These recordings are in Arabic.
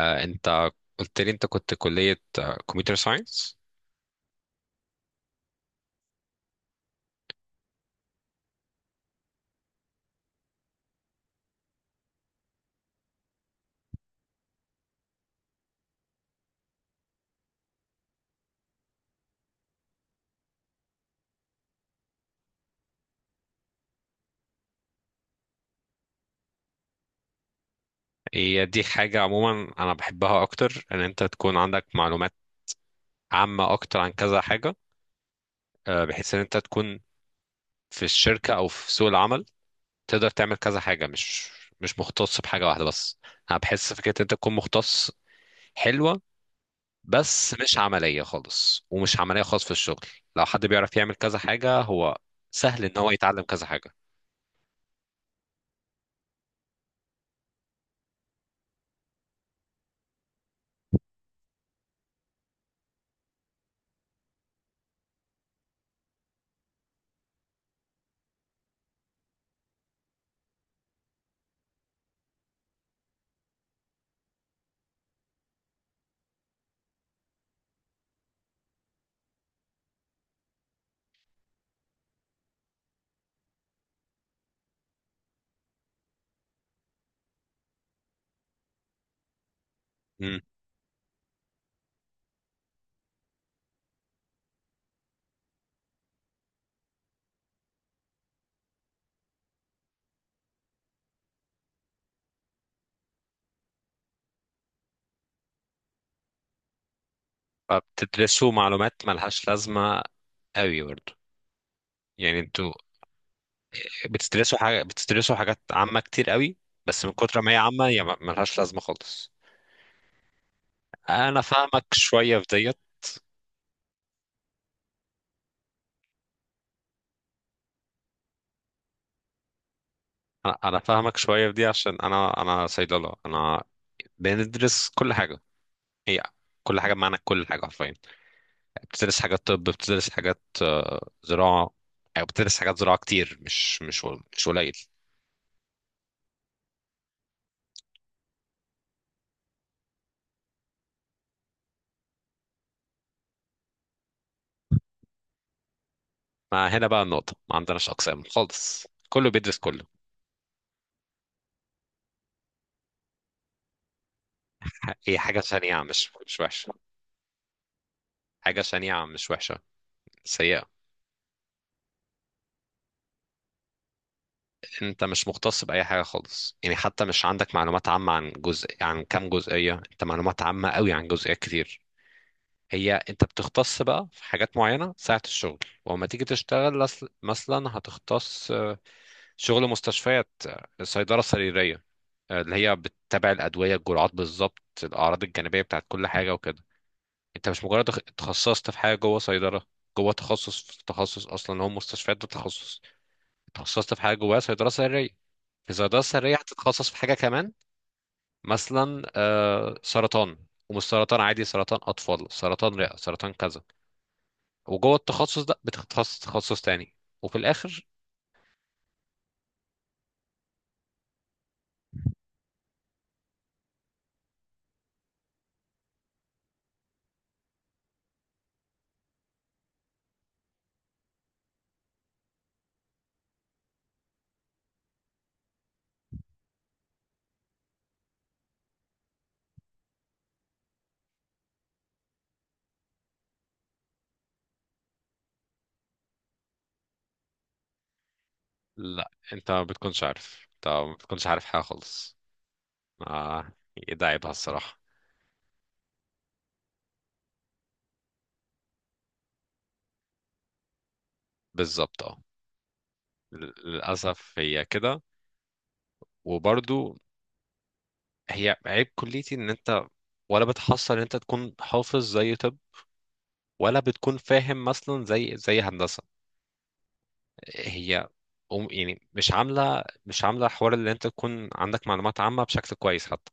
انت قلت لي انت كنت كلية كمبيوتر ساينس. هي دي حاجة عموما انا بحبها اكتر ان انت تكون عندك معلومات عامة اكتر عن كذا حاجة، بحيث ان انت تكون في الشركة او في سوق العمل تقدر تعمل كذا حاجة، مش مختص بحاجة واحدة بس. انا بحس فكرة ان انت تكون مختص حلوة، بس مش عملية خالص ومش عملية خالص في الشغل. لو حد بيعرف يعمل كذا حاجة هو سهل ان هو يتعلم كذا حاجة. مم. فبتدرسوا معلومات ملهاش لازمة قوي برضه. يعني انتوا بتدرسوا حاجة بتدرسوا حاجات عامة كتير قوي، بس من كتر ما هي عامة هي ملهاش لازمة خالص. انا فاهمك شوية في ديت. انا فاهمك شوية في دي عشان انا صيدلة، انا بندرس كل حاجة، هي كل حاجة بمعنى كل حاجة حرفيا. بتدرس حاجات طب، بتدرس حاجات زراعة، أو بتدرس حاجات زراعة كتير، مش قليل. ما هنا بقى النقطة ما عندناش أقسام خالص، كله بيدرس كله. هي حاجة شنيعة، مش وحشة. حاجة شنيعة مش وحشة، سيئة. انت مش مختص باي حاجه خالص، يعني حتى مش عندك معلومات عامه عن جزء عن كام جزئيه، انت معلومات عامه قوي عن جزئيات كتير. هي انت بتختص بقى في حاجات معينه ساعه الشغل. ولما تيجي تشتغل مثلا هتختص، شغل مستشفيات، صيدله سريريه، اللي هي بتتابع الادويه الجرعات بالظبط الاعراض الجانبيه بتاعت كل حاجه وكده. انت مش مجرد اتخصصت في حاجه جوه صيدله، جوه تخصص في تخصص، اصلا هو مستشفيات ده تخصص. اتخصصت في حاجه جواها صيدله سريه. في صيدله سريه هتتخصص في حاجه كمان، مثلا سرطان. ومش سرطان عادي، سرطان اطفال، سرطان رئه، سرطان كذا. وجوه التخصص ده بتتخصص تخصص تاني. وفي الاخر. لا انت ما بتكونش عارف حاجه خالص. آه. ده عيبها الصراحه. بالظبط اه. للاسف هي كده. وبرضو هي عيب كليتي ان انت ولا بتحصل ان انت تكون حافظ زي طب، ولا بتكون فاهم مثلا زي هندسه. هي يعني مش عامله حوار اللي انت تكون عندك معلومات عامه بشكل كويس حتى.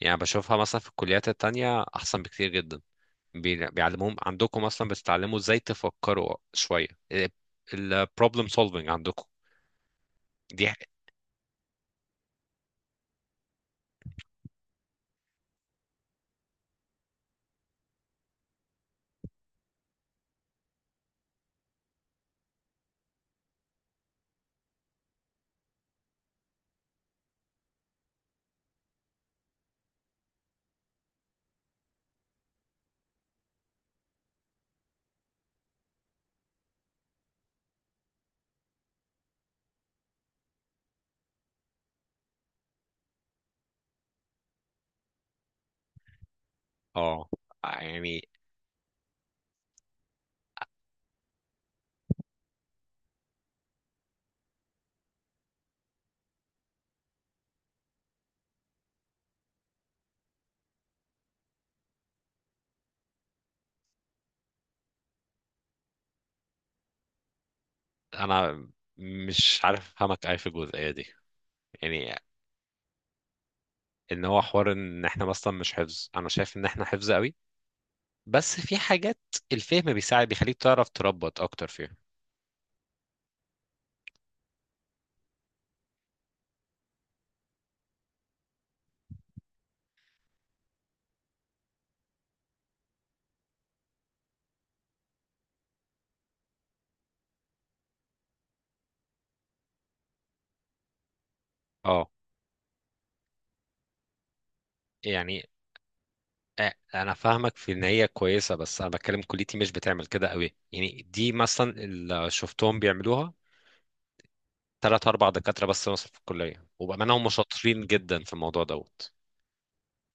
يعني بشوفها مثلا في الكليات التانية احسن بكتير جدا. بيعلموهم عندكم اصلا بتتعلموا ازاي تفكروا شويه، البروبلم سولفنج عندكم. دي ح- اه يعني انا مش عارف افهمك اي في الجزئيه دي. يعني ان هو حوار ان احنا مثلا مش حفظ، انا شايف ان احنا حفظ قوي، بس في حاجات الفهم بيساعد بيخليك تعرف تربط اكتر فيها. اه يعني. انا فاهمك في ان هي كويسه، بس انا بتكلم كليتي مش بتعمل كده قوي، يعني دي مثلا اللي شفتهم بيعملوها ثلاث اربع دكاتره بس مثلا في الكليه، وبامانه هم شاطرين جدا في الموضوع دوت.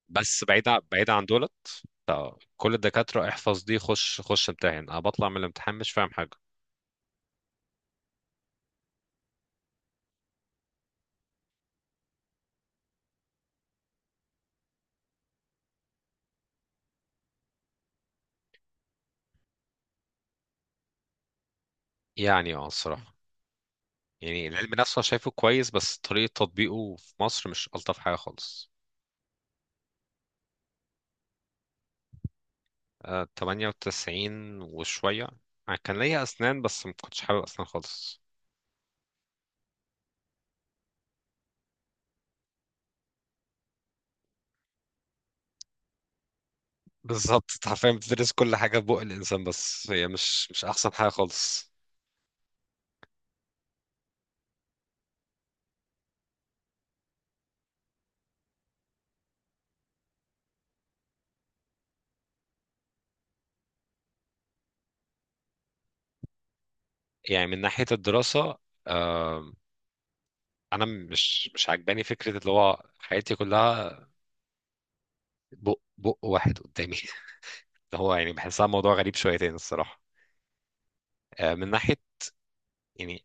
بس بعيد عن دولت. كل الدكاتره احفظ دي خش خش امتحن، انا بطلع من الامتحان مش فاهم حاجه. يعني اه الصراحه. يعني العلم نفسه أنا شايفه كويس، بس طريقه تطبيقه في مصر مش الطف حاجه خالص. 98 وشويه. أنا كان ليا اسنان بس ما كنتش حابب اسنان خالص. بالظبط أنت حرفيا بتدرس كل حاجة في بق الإنسان، بس هي مش أحسن حاجة خالص. يعني من ناحية الدراسة. آه، أنا مش عاجباني فكرة اللي هو حياتي كلها بق واحد قدامي اللي هو يعني بحسها موضوع غريب شويتين الصراحة. من ناحية يعني.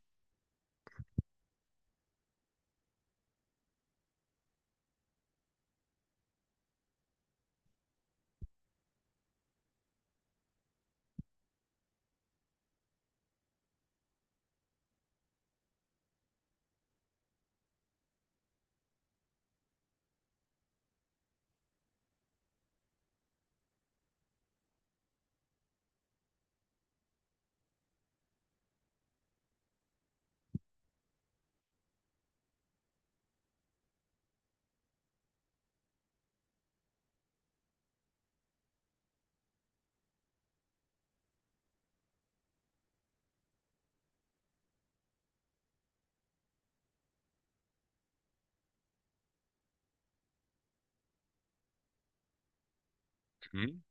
مم،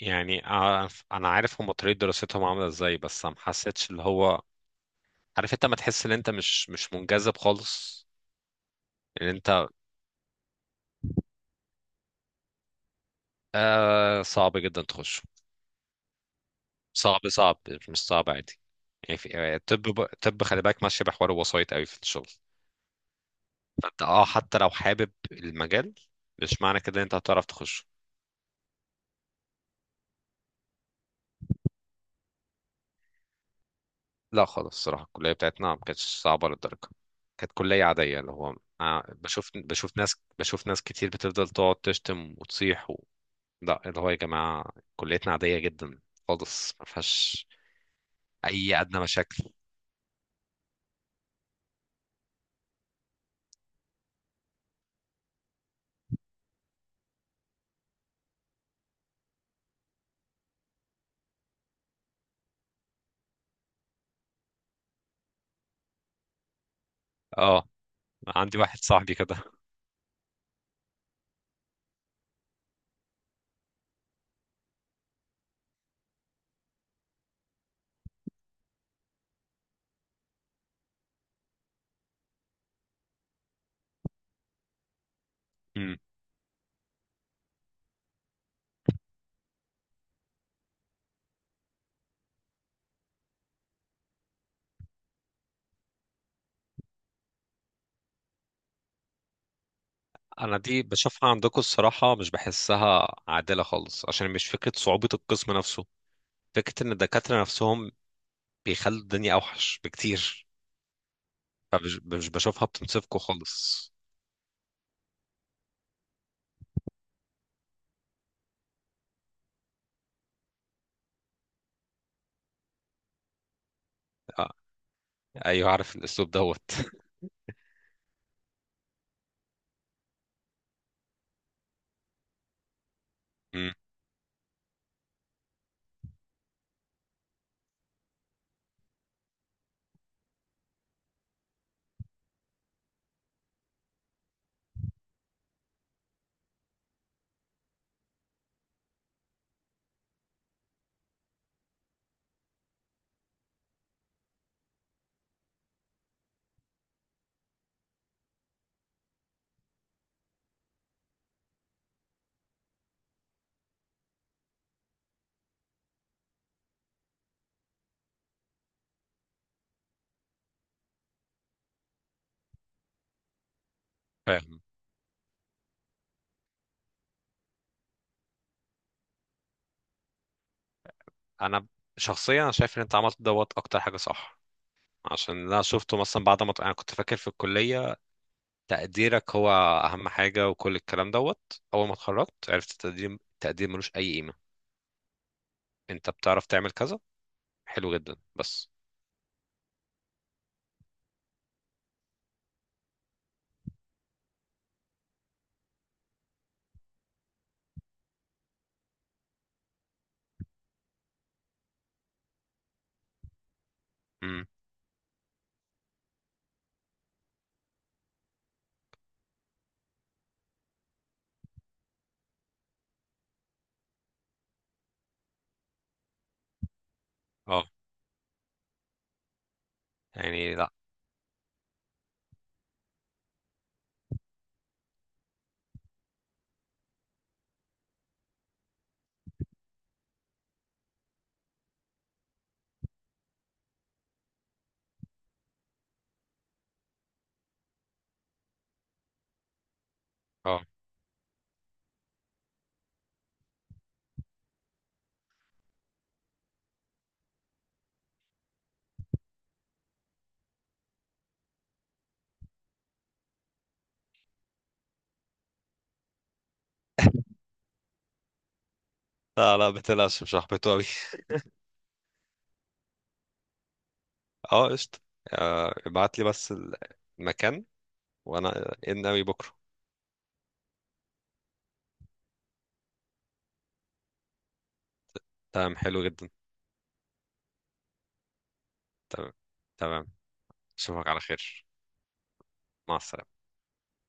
يعني أنا عارف هما طريقة دراستهم عاملة إزاي، بس أنا ما حسيتش اللي هو، عارف أنت ما تحس إن أنت مش منجذب خالص إن أنت. آه صعب جدا تخش. صعب صعب. مش صعب عادي. يعني في يعني طب طب خلي بالك ماشيه بحوار الوسايط قوي في الشغل. فانت اه حتى لو حابب المجال مش معنى كده ان انت هتعرف تخش. لا خالص الصراحه الكليه بتاعتنا ما كانتش صعبه للدرجه. كانت كليه عاديه اللي هو، بشوف ناس كتير بتفضل تقعد تشتم وتصيح و... لا اللي هو يا جماعه كليتنا عاديه جدا خالص، ما فيهاش اي ادنى مشاكل. اه عندي واحد صاحبي كده انا دي بشوفها عندكم الصراحه مش بحسها عادله خالص عشان مش فكره صعوبه القسم نفسه. فكره ان الدكاتره نفسهم بيخلوا الدنيا اوحش بكتير. فمش مش بشوفها بتنصفكم خالص. آه. ايوه عارف الاسلوب دوت مم، فاهم. انا شخصيا شايف ان انت عملت دوت اكتر حاجه صح، عشان انا شفته مثلا بعد ما انا كنت فاكر في الكليه تقديرك هو اهم حاجه وكل الكلام دوت. اول ما اتخرجت عرفت التقدير، التقدير ملوش اي قيمه، انت بتعرف تعمل كذا حلو جدا بس. اه يعني لا. اه لا. لا بتقلقش مش هحبطه أوي. اه قشطة. ابعت لي بس المكان وأنا إن أوي بكرة. تمام حلو جدا. تمام. تمام. أشوفك على خير. مع السلامة.